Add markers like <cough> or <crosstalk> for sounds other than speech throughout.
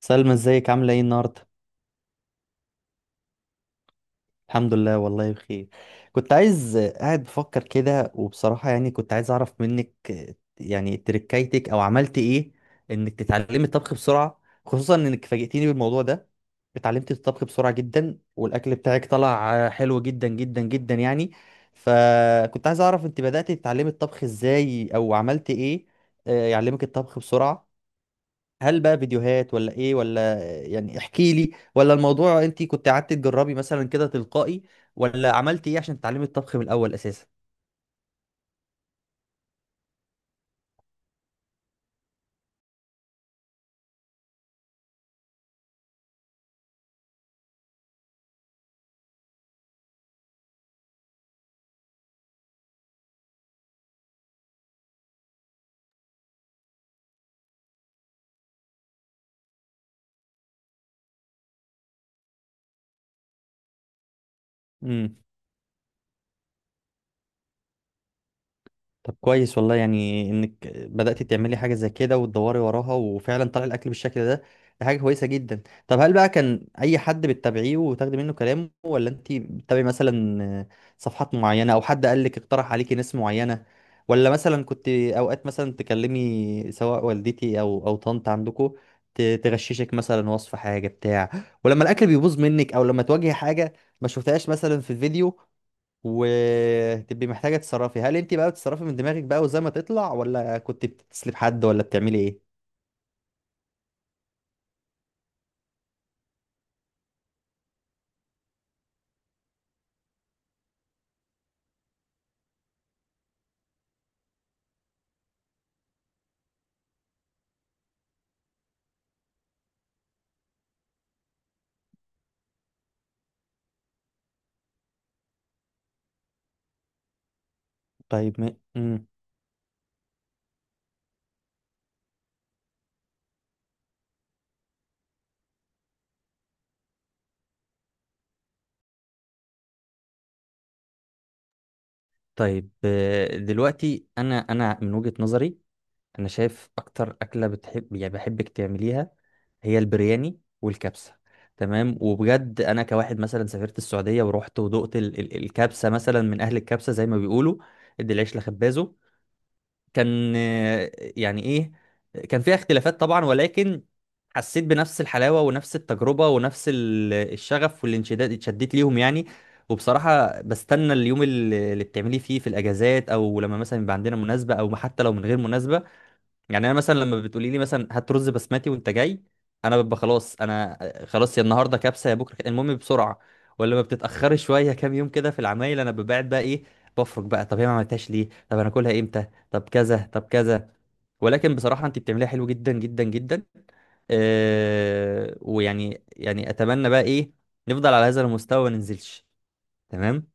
سلمى ازيك عاملة ايه النهاردة؟ الحمد لله والله بخير. كنت عايز قاعد بفكر كده وبصراحة يعني كنت عايز اعرف منك يعني تركايتك او عملت ايه انك تتعلمي الطبخ بسرعة، خصوصا انك فاجئتيني بالموضوع ده. اتعلمتي الطبخ بسرعة جدا والاكل بتاعك طلع حلو جدا جدا جدا يعني. فكنت عايز اعرف انت بدأتي تتعلمي الطبخ ازاي او عملت ايه يعلمك الطبخ بسرعة. هل بقى فيديوهات ولا ايه ولا يعني احكي لي، ولا الموضوع انت كنت قعدت تجربي مثلا كده تلقائي، ولا عملت ايه عشان تتعلمي الطبخ من الاول اساسا؟ امم. طب كويس والله يعني انك بدأت تعملي حاجة زي كده وتدوري وراها وفعلا طلع الاكل بالشكل ده. دي حاجة كويسة جدا. طب هل بقى كان اي حد بتتابعيه وتاخدي منه كلامه، ولا انت بتتابعي مثلا صفحات معينة، او حد قال لك اقترح عليكي ناس معينة، ولا مثلا كنت اوقات مثلا تكلمي سواء والدتي او طنط عندكم تغششك مثلا وصف حاجة بتاع، ولما الاكل بيبوظ منك او لما تواجهي حاجة ما شفتهاش مثلا في الفيديو وتبقي محتاجة تتصرفي، هل انت بقى بتتصرفي من دماغك بقى وزي ما تطلع، ولا كنت بتسلب حد ولا بتعملي ايه؟ طيب م... مم. طيب دلوقتي انا من وجهة نظري، انا شايف اكتر اكله بتحب يعني بحبك تعمليها هي البرياني والكبسه. تمام، وبجد انا كواحد مثلا سافرت السعوديه ورحت ودقت الكبسه مثلا من اهل الكبسه زي ما بيقولوا، ادي العيش لخبازه. كان يعني ايه، كان فيها اختلافات طبعا، ولكن حسيت بنفس الحلاوة ونفس التجربة ونفس الشغف والانشداد اتشديت ليهم يعني. وبصراحة بستنى اليوم اللي بتعملي فيه في الأجازات، أو لما مثلا يبقى عندنا مناسبة، أو حتى لو من غير مناسبة. يعني انا مثلا لما بتقولي لي مثلا هات رز بسمتي وانت جاي، انا ببقى خلاص، انا خلاص، يا النهارده كبسه يا بكره المهم بسرعه ولا ما بتتاخري <laughs> شويه كام يوم كده. في العمايل انا ببعد بقى ايه، بفرج بقى، طب هي ما عملتهاش ليه، طب انا اكلها امتى، طب كذا طب كذا. ولكن بصراحه انت بتعمليها حلو جدا جدا جدا. آه ويعني يعني اتمنى بقى ايه، نفضل على هذا المستوى ما ننزلش. تمام.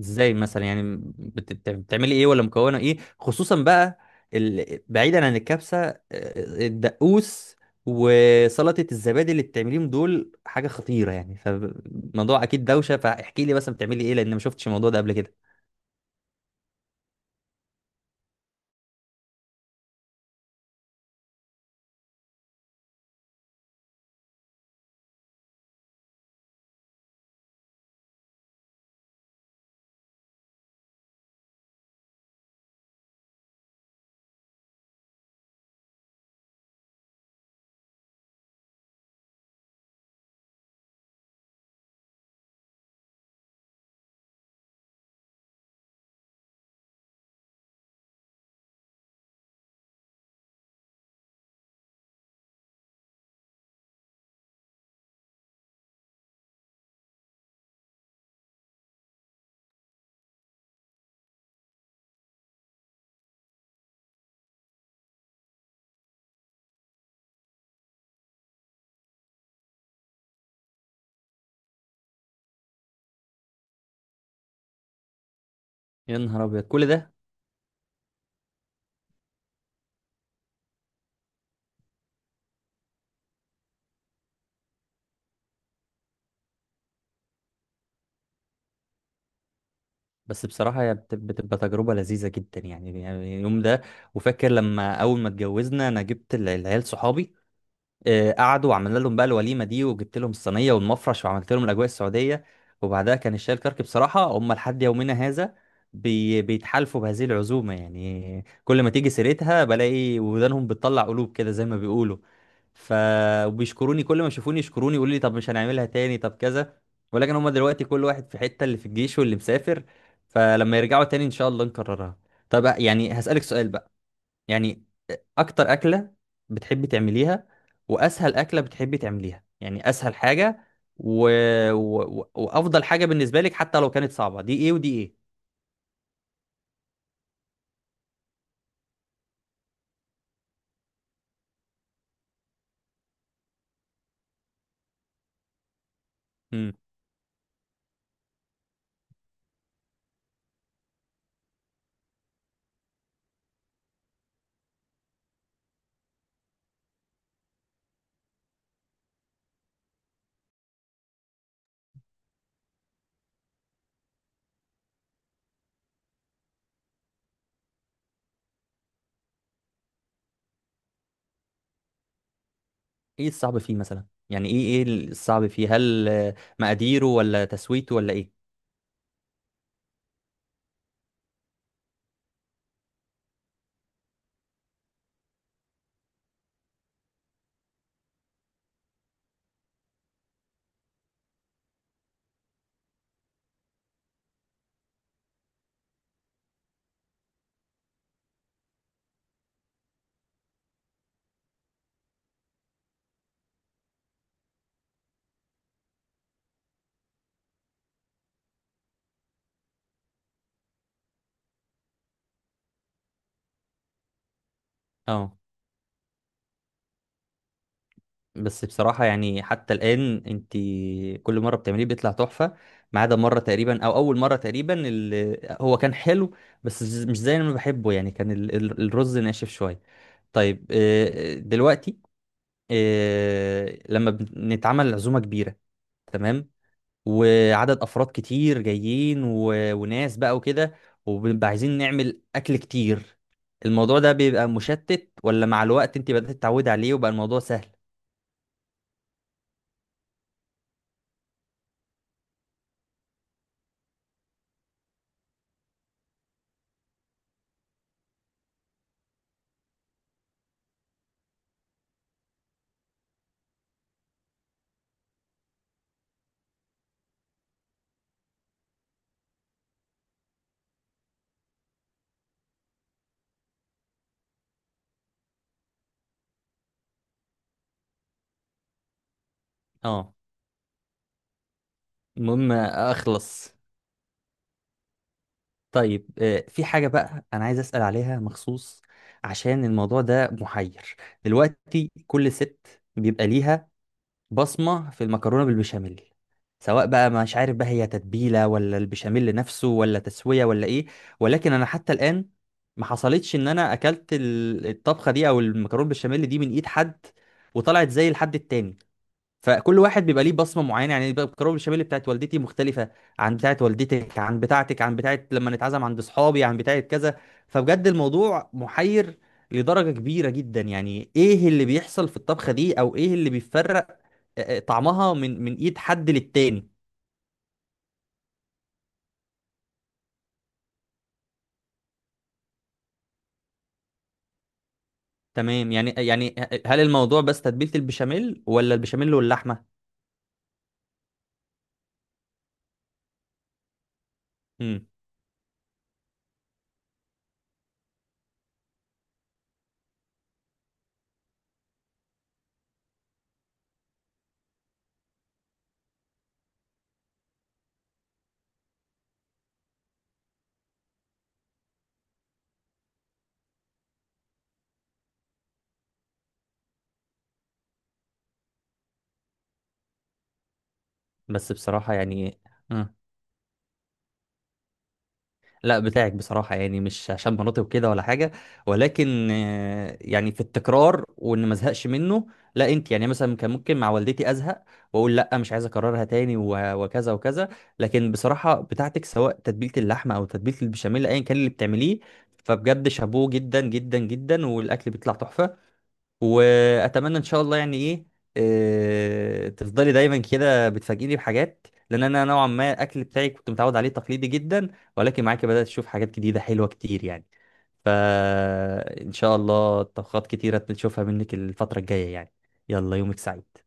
ازاي مثلا يعني بتعملي ايه، ولا مكونه ايه خصوصا بقى بعيدا عن الكبسه، الدقوس وسلطه الزبادي اللي بتعمليهم دول حاجه خطيره يعني، فالموضوع اكيد دوشه. فاحكي لي مثلا بتعملي ايه، لان ما شفتش الموضوع ده قبل كده. يا نهار ابيض كل ده. بس بصراحه هي بتبقى تجربه لذيذه جدا يعني، يعني اليوم ده. وفاكر لما اول ما اتجوزنا انا جبت العيال صحابي، قعدوا وعملنا لهم بقى الوليمه دي، وجبت لهم الصينيه والمفرش وعملت لهم الاجواء السعوديه، وبعدها كان الشاي الكرك. بصراحه هم لحد يومنا هذا بيتحالفوا بهذه العزومه يعني، كل ما تيجي سيرتها بلاقي ودانهم بتطلع قلوب كده زي ما بيقولوا. ف وبيشكروني كل ما يشوفوني، يشكروني يقولوا لي طب مش هنعملها تاني، طب كذا. ولكن هم دلوقتي كل واحد في حته، اللي في الجيش واللي مسافر، فلما يرجعوا تاني ان شاء الله نكررها. طب يعني هسألك سؤال بقى، يعني اكتر اكله بتحبي تعمليها واسهل اكله بتحبي تعمليها، يعني اسهل حاجه و... وافضل حاجه بالنسبه لك حتى لو كانت صعبه، دي ايه ودي ايه؟ امم. ايه الصعب فيه مثلا يعني، ايه الصعب فيه، هل مقاديره ولا تسويته ولا ايه؟ اه. بس بصراحة يعني حتى الآن انت كل مرة بتعمليه بيطلع تحفة، ما عدا مرة تقريبا أو أول مرة تقريبا اللي هو كان حلو بس مش زي ما بحبه يعني، كان الرز ناشف شوية. طيب دلوقتي لما بنتعمل عزومة كبيرة، تمام، وعدد أفراد كتير جايين وناس بقى وكده، وبنبقى عايزين نعمل أكل كتير، الموضوع ده بيبقى مشتت ولا مع الوقت انت بدأت تتعودي عليه وبقى الموضوع سهل؟ اه. المهم اخلص. طيب في حاجة بقى انا عايز اسأل عليها مخصوص، عشان الموضوع ده محير. دلوقتي كل ست بيبقى ليها بصمة في المكرونة بالبشاميل، سواء بقى مش عارف بقى هي تتبيلة ولا البشاميل نفسه ولا تسوية ولا ايه. ولكن انا حتى الآن ما حصلتش ان انا اكلت الطبخة دي او المكرونة بالبشاميل دي من ايد حد وطلعت زي الحد التاني. فكل واحد بيبقى ليه بصمه معينه، يعني بقى الكروب الشمالي بتاعت والدتي مختلفه عن بتاعت والدتك عن بتاعتك عن بتاعت لما نتعزم عند اصحابي عن بتاعت كذا. فبجد الموضوع محير لدرجه كبيره جدا، يعني ايه اللي بيحصل في الطبخه دي او ايه اللي بيفرق طعمها من ايد حد للتاني؟ تمام، يعني يعني هل الموضوع بس تتبيله البشاميل ولا البشاميل واللحمه؟ امم. بس بصراحه يعني آه. لا، بتاعك بصراحة يعني، مش عشان مناطق وكده ولا حاجة، ولكن يعني في التكرار وان ما ازهقش منه. لا انت يعني مثلا كان ممكن مع والدتي ازهق واقول لا مش عايز اكررها تاني وكذا وكذا. لكن بصراحة بتاعتك سواء تتبيلة اللحمة او تتبيلة البشاميل ايا كان اللي بتعمليه، فبجد شابوه جدا جدا جدا والاكل بيطلع تحفة. واتمنى ان شاء الله يعني ايه، تفضلي دايما كده بتفاجئني بحاجات، لان انا نوعا ما الاكل بتاعي كنت متعود عليه تقليدي جدا، ولكن معاكي بدات اشوف حاجات جديده حلوه كتير يعني. فان شاء الله طبخات كتيره نشوفها منك الفتره الجايه يعني. يلا يومك سعيد.